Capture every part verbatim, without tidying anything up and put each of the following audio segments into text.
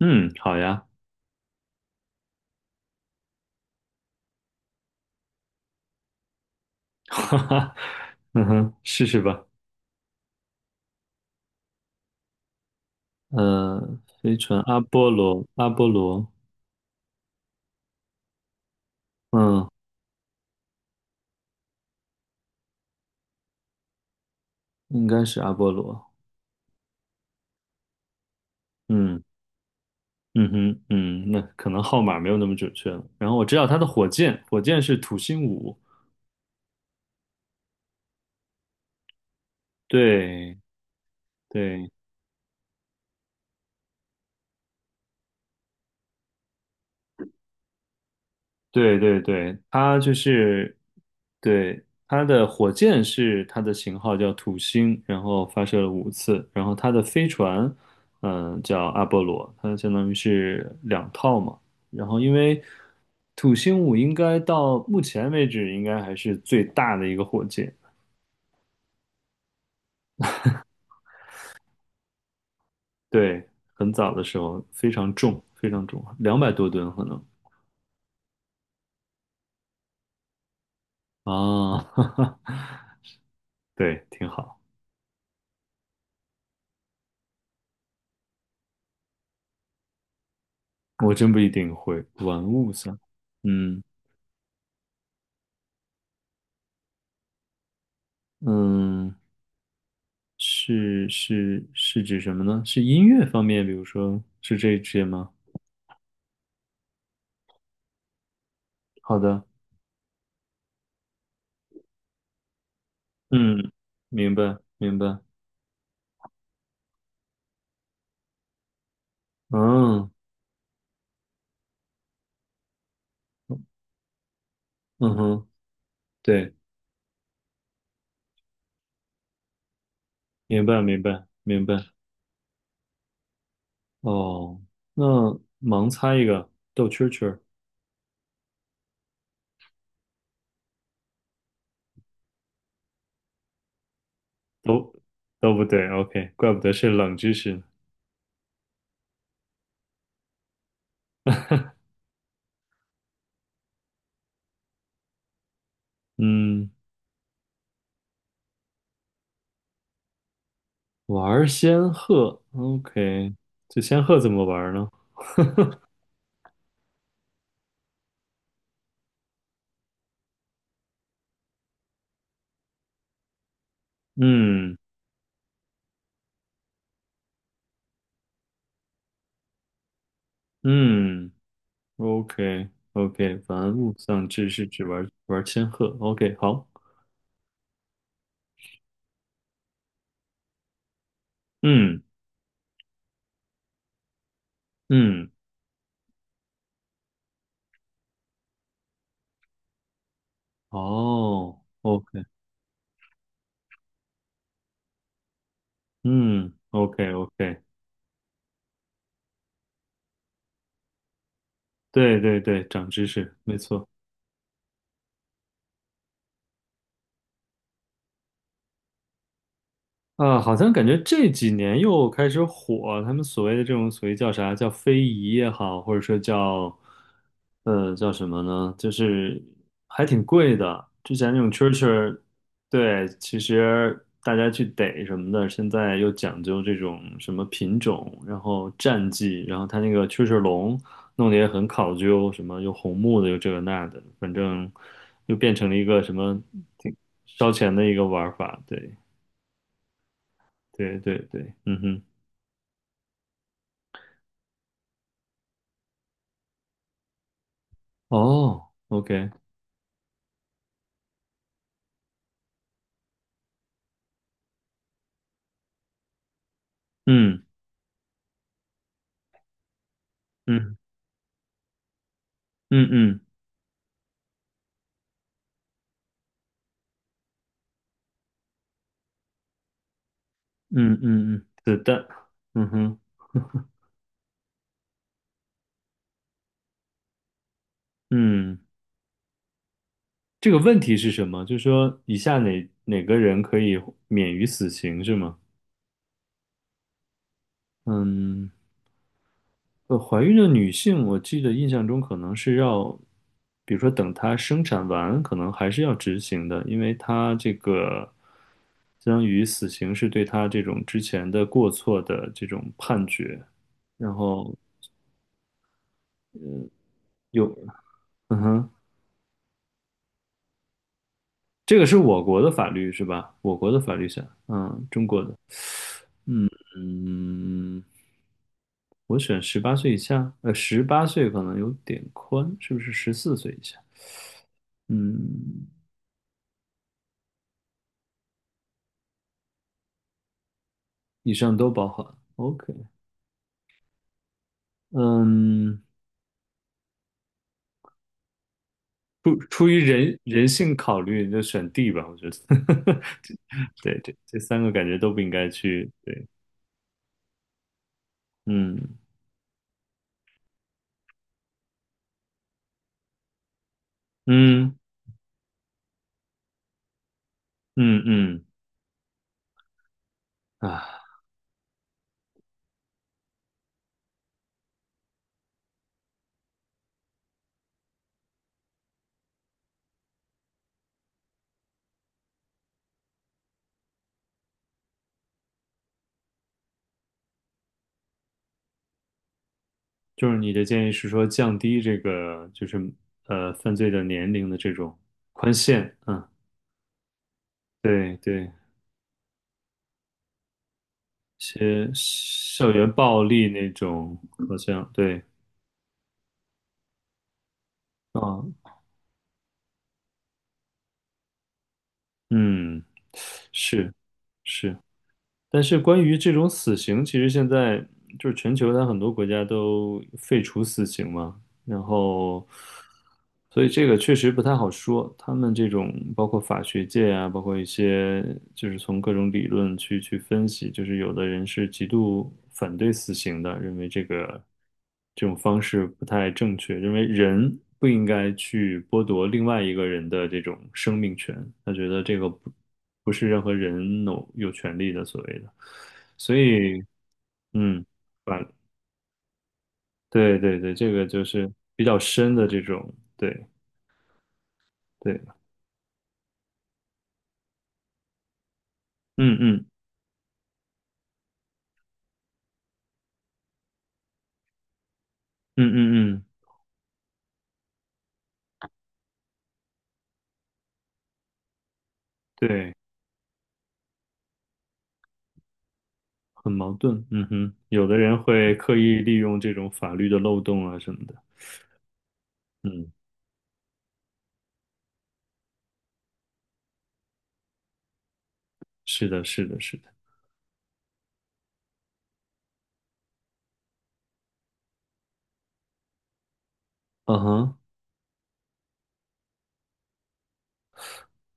嗯，好呀，哈哈，嗯哼，试试吧。呃，飞船阿波罗，阿波罗，嗯，应该是阿波罗。嗯嗯哼嗯，那可能号码没有那么准确了。然后我知道它的火箭，火箭是土星五。对对，对对对，它就是，对，它的火箭是它的型号叫土星，然后发射了五次，然后它的飞船，嗯、叫阿波罗，它相当于是两套嘛。然后因为土星五应该到目前为止应该还是最大的一个火箭，对，很早的时候非常重，非常重，两百多吨可能。啊，对，挺好。我真不一定会玩物丧，嗯。嗯，是是是指什么呢？是音乐方面，比如说是这一些吗？好的，嗯，明白明白，嗯嗯哼，对，明白明白明白。哦，那盲猜一个逗蛐儿蛐儿，都都不对，OK，怪不得是冷知识呢。嗯，玩仙鹤，OK，这仙鹤怎么玩呢？嗯嗯。OK OK，玩物丧志是指玩玩千鹤。OK，好，嗯嗯，哦，OK，嗯，OK OK，对对对，长知识，没错。啊，好像感觉这几年又开始火，他们所谓的这种所谓叫啥，叫非遗也好，或者说叫，呃，叫什么呢？就是还挺贵的。之前那种蛐蛐，对，其实大家去逮什么的，现在又讲究这种什么品种，然后战绩，然后它那个蛐蛐笼弄得也很考究，什么又红木的，又这个那的，反正又变成了一个什么挺烧钱的一个玩法，对。对对对，嗯哼，哦，OK，嗯嗯嗯嗯嗯嗯嗯，是的，嗯哼，嗯，这个问题是什么？就是说，以下哪哪个人可以免于死刑是吗？嗯，呃怀孕的女性，我记得印象中可能是要，比如说等她生产完，可能还是要执行的，因为她这个相当于死刑是对她这种之前的过错的这种判决，然后有。嗯哼，这个是我国的法律是吧？我国的法律下，嗯，中国的，嗯，我选十八岁以下，呃，十八岁可能有点宽，是不是十四岁以下？嗯，以上都包含。OK，嗯，出出于人人性考虑，就选 D 吧，我觉得。对对，这三个感觉都不应该去。对，嗯嗯嗯嗯，啊。就是你的建议是说降低这个就是呃犯罪的年龄的这种宽限，嗯，对对，一些校园暴力那种好像对，啊，嗯，是是。但是关于这种死刑，其实现在就是全球它很多国家都废除死刑嘛，然后，所以这个确实不太好说。他们这种包括法学界啊，包括一些就是从各种理论去去分析，就是有的人是极度反对死刑的，认为这个这种方式不太正确，认为人不应该去剥夺另外一个人的这种生命权，他觉得这个不。不是任何人有有权利的所谓的，所以嗯，反对对对，这个就是比较深的这种，对对，嗯嗯嗯嗯嗯，对，很矛盾，嗯哼，有的人会刻意利用这种法律的漏洞啊什么的，嗯，是的，是的，是的，嗯哼。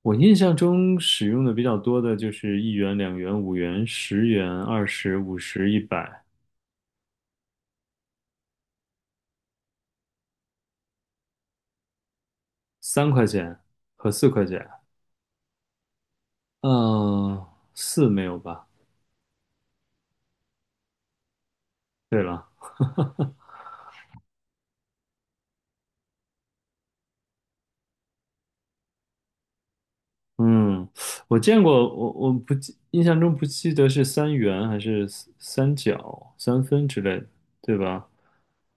我印象中使用的比较多的就是一元、两元、五元、十元、二十、五十、一百、三块钱和四块钱。嗯，四没有吧？对了，嗯，我见过，我我不记，印象中不记得是三元还是三三角、三分之类的，对吧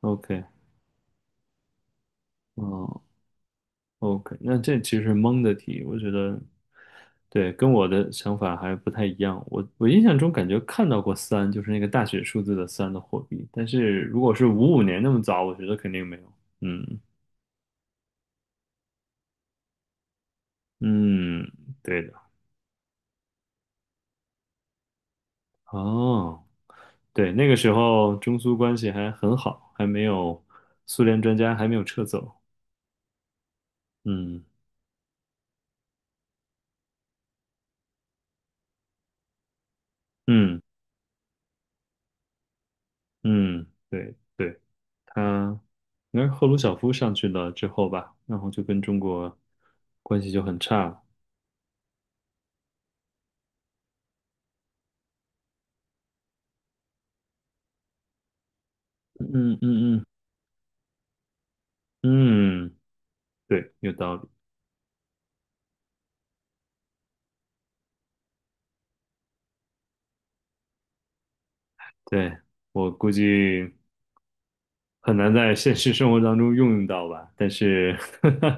？OK，嗯，OK，那这其实是蒙的题，我觉得对，跟我的想法还不太一样。我我印象中感觉看到过三，就是那个大写数字的三的货币，但是如果是五五年那么早，我觉得肯定没有。嗯嗯，对的。哦，对，那个时候中苏关系还很好，还没有苏联专家还没有撤走。嗯嗯嗯，对对，他应该是赫鲁晓夫上去了之后吧，然后就跟中国关系就很差了。嗯嗯嗯嗯，对，有道理。对，我估计很难在现实生活当中用用到吧，但是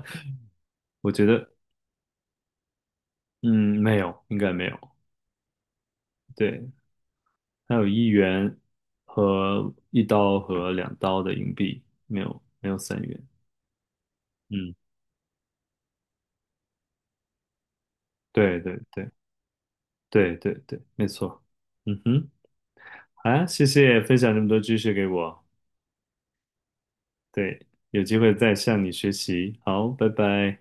我觉得，嗯，没有，应该没有。对，还有一元和一刀和两刀的硬币，没有没有三元。嗯，对对对对对对，没错。嗯哼，好呀，谢谢分享这么多知识给我。对，有机会再向你学习。好，拜拜。